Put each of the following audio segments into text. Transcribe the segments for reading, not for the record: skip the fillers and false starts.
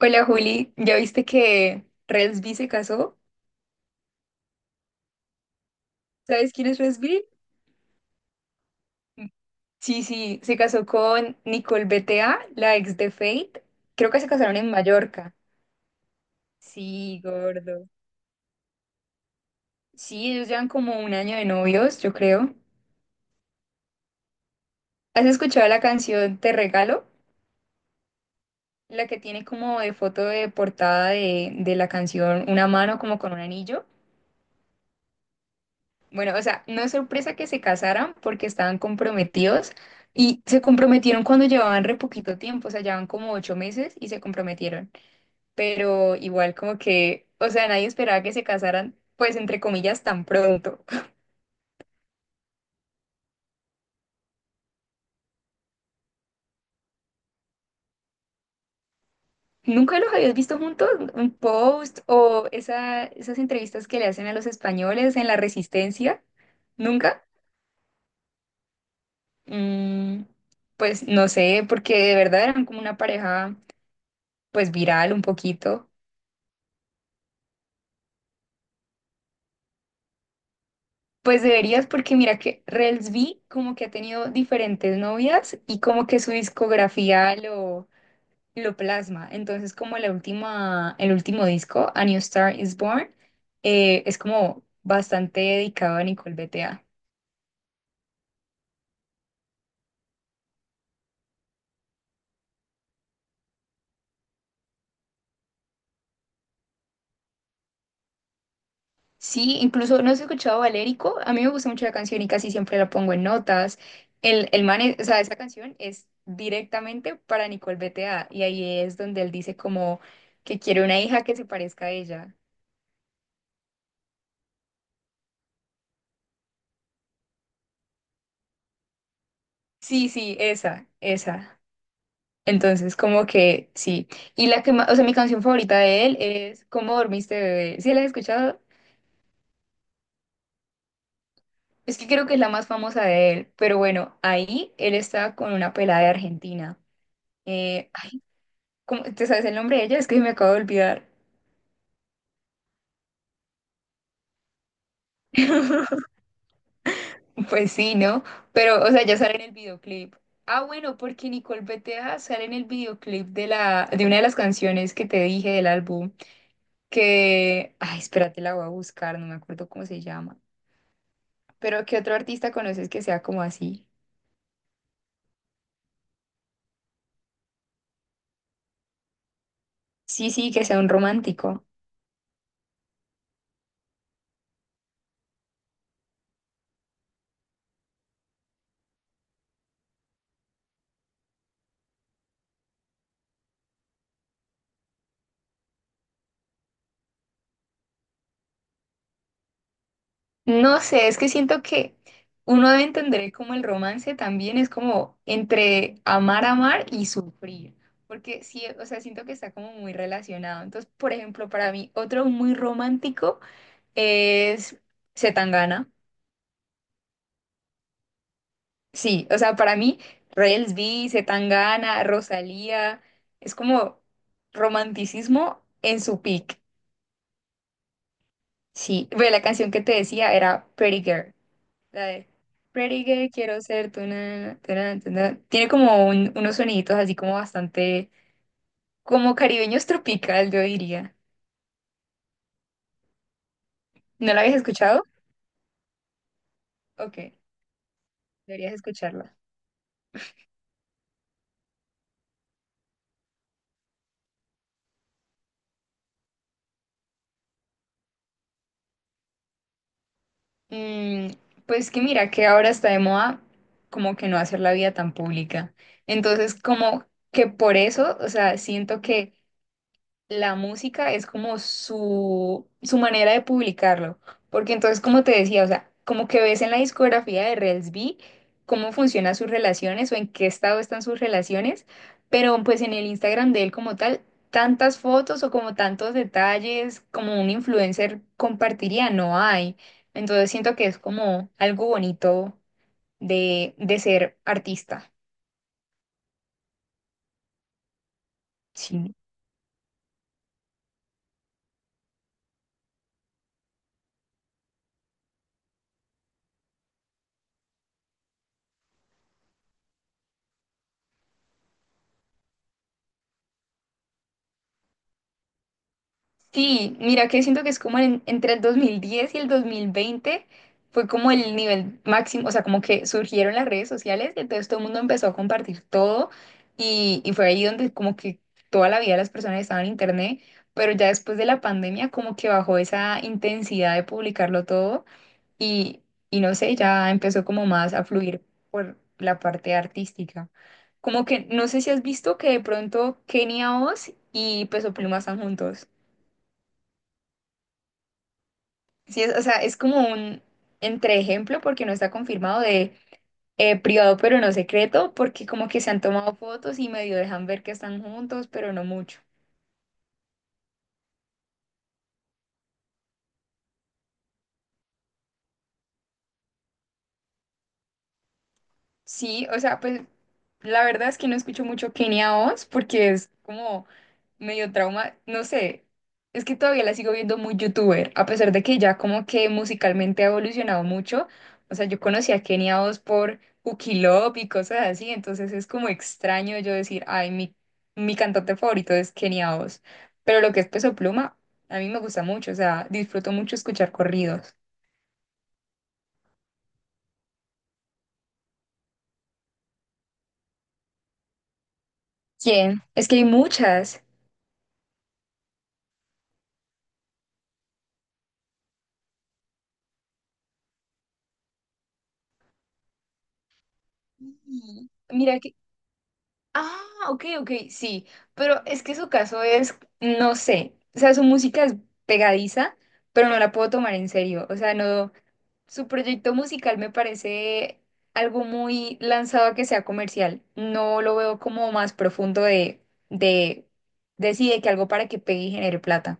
Hola Juli, ¿ya viste que Resby se casó? ¿Sabes quién es Resby? Sí, sí, se casó con Nicole BTA, la ex de Fate. Creo que se casaron en Mallorca. Sí, gordo. Sí, ellos llevan como un año de novios, yo creo. ¿Has escuchado la canción Te Regalo? La que tiene como de foto de portada de la canción una mano como con un anillo. Bueno, o sea, no es sorpresa que se casaran porque estaban comprometidos y se comprometieron cuando llevaban re poquito tiempo, o sea, llevaban como 8 meses y se comprometieron. Pero igual como que, o sea, nadie esperaba que se casaran, pues entre comillas, tan pronto. ¿Nunca los habías visto juntos? ¿Un post o esas entrevistas que le hacen a los españoles en La Resistencia? ¿Nunca? Mm, pues no sé, porque de verdad eran como una pareja, pues viral un poquito. Pues deberías porque mira que Rels B como que ha tenido diferentes novias y como que su discografía lo plasma. Entonces como el último disco, A New Star Is Born, es como bastante dedicado a Nicole BTA. Sí, incluso no has escuchado Valérico, a mí me gusta mucho la canción y casi siempre la pongo en notas. El man, o sea, esa canción es directamente para Nicole BTA y ahí es donde él dice como que quiere una hija que se parezca a ella. Sí, sí, esa, esa. Entonces, como que sí. Y la que más, o sea, mi canción favorita de él es ¿Cómo dormiste, bebé? ¿Sí la has escuchado? Es que creo que es la más famosa de él. Pero bueno, ahí él está con una pelada de Argentina. Ay, ¿te sabes el nombre de ella? Es que me acabo de olvidar. Pues sí, ¿no? Pero, o sea, ya sale en el videoclip. Ah, bueno, porque Nicole Beteja sale en el videoclip de una de las canciones que te dije del álbum. Que, ay, espérate, la voy a buscar, no me acuerdo cómo se llama. Pero ¿qué otro artista conoces que sea como así? Sí, sí, que sea un romántico. No sé, es que siento que uno debe entender como el romance también es como entre amar, amar y sufrir. Porque sí, o sea, siento que está como muy relacionado. Entonces, por ejemplo, para mí, otro muy romántico es C. Tangana. Sí, o sea, para mí, Reels B, Zetangana, Rosalía, es como romanticismo en su peak. Sí, ve, la canción que te decía era Pretty Girl, la de Pretty Girl, quiero ser tu na, tu na, tu na. Tiene como unos soniditos así como bastante, como caribeños tropical, yo diría. ¿No la habías escuchado? Ok, deberías escucharla. Mm, pues que mira, que ahora está de moda como que no hacer la vida tan pública. Entonces, como que por eso, o sea, siento que la música es como su manera de publicarlo. Porque entonces, como te decía, o sea, como que ves en la discografía de Rels B cómo funcionan sus relaciones o en qué estado están sus relaciones, pero pues en el Instagram de él como tal, tantas fotos o como tantos detalles como un influencer compartiría, no hay. Entonces siento que es como algo bonito de ser artista. Sí. Sí, mira que siento que es como entre el 2010 y el 2020 fue como el nivel máximo, o sea, como que surgieron las redes sociales y entonces todo el mundo empezó a compartir todo y fue ahí donde como que toda la vida las personas estaban en internet, pero ya después de la pandemia como que bajó esa intensidad de publicarlo todo y, y no sé, ya empezó como más a fluir por la parte artística. Como que no sé si has visto que de pronto Kenia Oz y Peso Pluma están juntos. Sí, o sea, es como un entreejemplo porque no está confirmado de privado pero no secreto, porque como que se han tomado fotos y medio dejan ver que están juntos, pero no mucho. Sí, o sea, pues la verdad es que no escucho mucho Kenia Oz porque es como medio trauma, no sé, es que todavía la sigo viendo muy youtuber, a pesar de que ya como que musicalmente ha evolucionado mucho, o sea, yo conocí a Kenia Oz por Cookie Love y cosas así, entonces es como extraño yo decir, ay, mi cantante favorito es Kenia Oz, pero lo que es Peso Pluma, a mí me gusta mucho, o sea, disfruto mucho escuchar corridos. ¿Quién? Es que hay muchas. Ujú. Mira. Ah, ok, ok, sí, pero es que su caso es, no sé, o sea, su música es pegadiza, pero no la puedo tomar en serio, o sea, no, su proyecto musical me parece algo muy lanzado a que sea comercial, no lo veo como más profundo de, de sí, de que algo para que pegue y genere plata.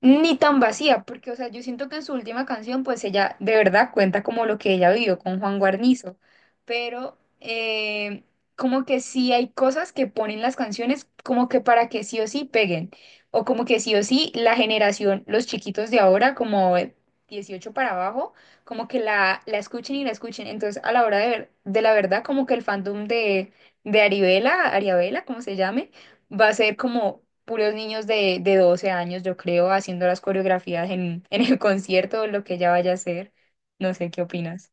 Ni tan vacía, porque, o sea, yo siento que en su última canción, pues ella de verdad cuenta como lo que ella vivió con Juan Guarnizo, pero como que sí hay cosas que ponen las canciones como que para que sí o sí peguen, o como que sí o sí la generación, los chiquitos de ahora, como 18 para abajo, como que la escuchen y la escuchen. Entonces, a la hora de ver, de la verdad, como que el fandom de Aribela, Ariabela, como se llame, va a ser como puros niños de 12 años, yo creo, haciendo las coreografías en el concierto o lo que ella vaya a hacer. No sé qué opinas.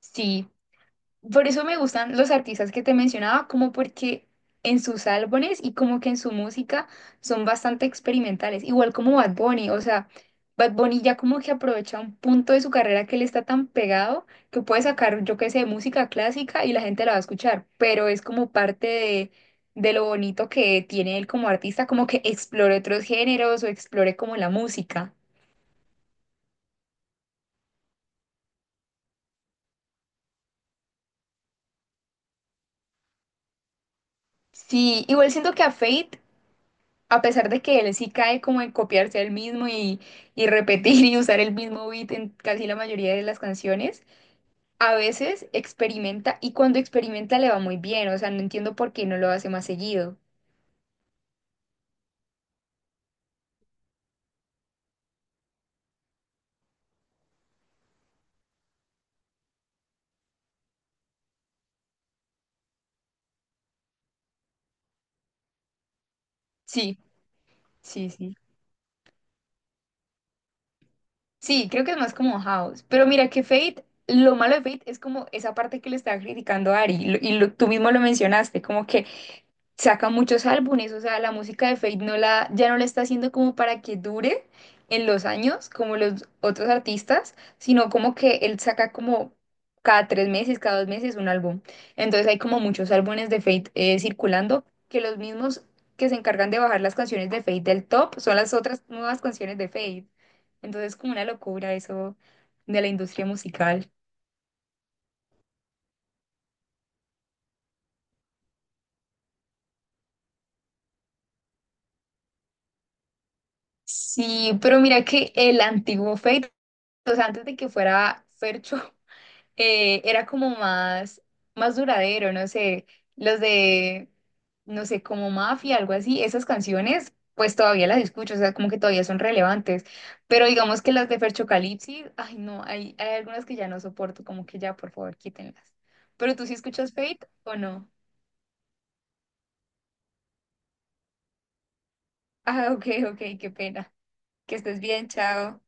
Sí, por eso me gustan los artistas que te mencionaba, como porque en sus álbumes y como que en su música son bastante experimentales, igual como Bad Bunny, o sea, Bad Bunny ya como que aprovecha un punto de su carrera que le está tan pegado que puede sacar, yo qué sé, música clásica y la gente la va a escuchar, pero es como parte de lo bonito que tiene él como artista, como que explore otros géneros o explore como la música. Sí, igual siento que a pesar de que él sí cae como en copiarse el mismo y repetir y usar el mismo beat en casi la mayoría de las canciones, a veces experimenta y cuando experimenta le va muy bien, o sea, no entiendo por qué no lo hace más seguido. Sí, sí, sí. Sí, creo que es más como house. Pero mira que Fate, lo malo de Fate es como esa parte que le estaba criticando a Ari y tú mismo lo mencionaste, como que saca muchos álbumes, o sea, la música de Fate ya no la está haciendo como para que dure en los años, como los otros artistas, sino como que él saca como cada 3 meses, cada 2 meses un álbum. Entonces hay como muchos álbumes de Fate circulando, que los mismos que se encargan de bajar las canciones de Fate del top son las otras nuevas canciones de Fate. Entonces como una locura eso de la industria musical. Sí, pero mira que el antiguo Fate, o sea, antes de que fuera Fercho, era como más duradero, no sé, los de, no sé, como Mafia, algo así, esas canciones, pues todavía las escucho, o sea, como que todavía son relevantes, pero digamos que las de Ferchocalipsis, ay no, hay algunas que ya no soporto, como que ya, por favor, quítenlas. ¿Pero tú sí escuchas Fate o no? Ah, ok, ok, qué pena. Que estés bien, chao.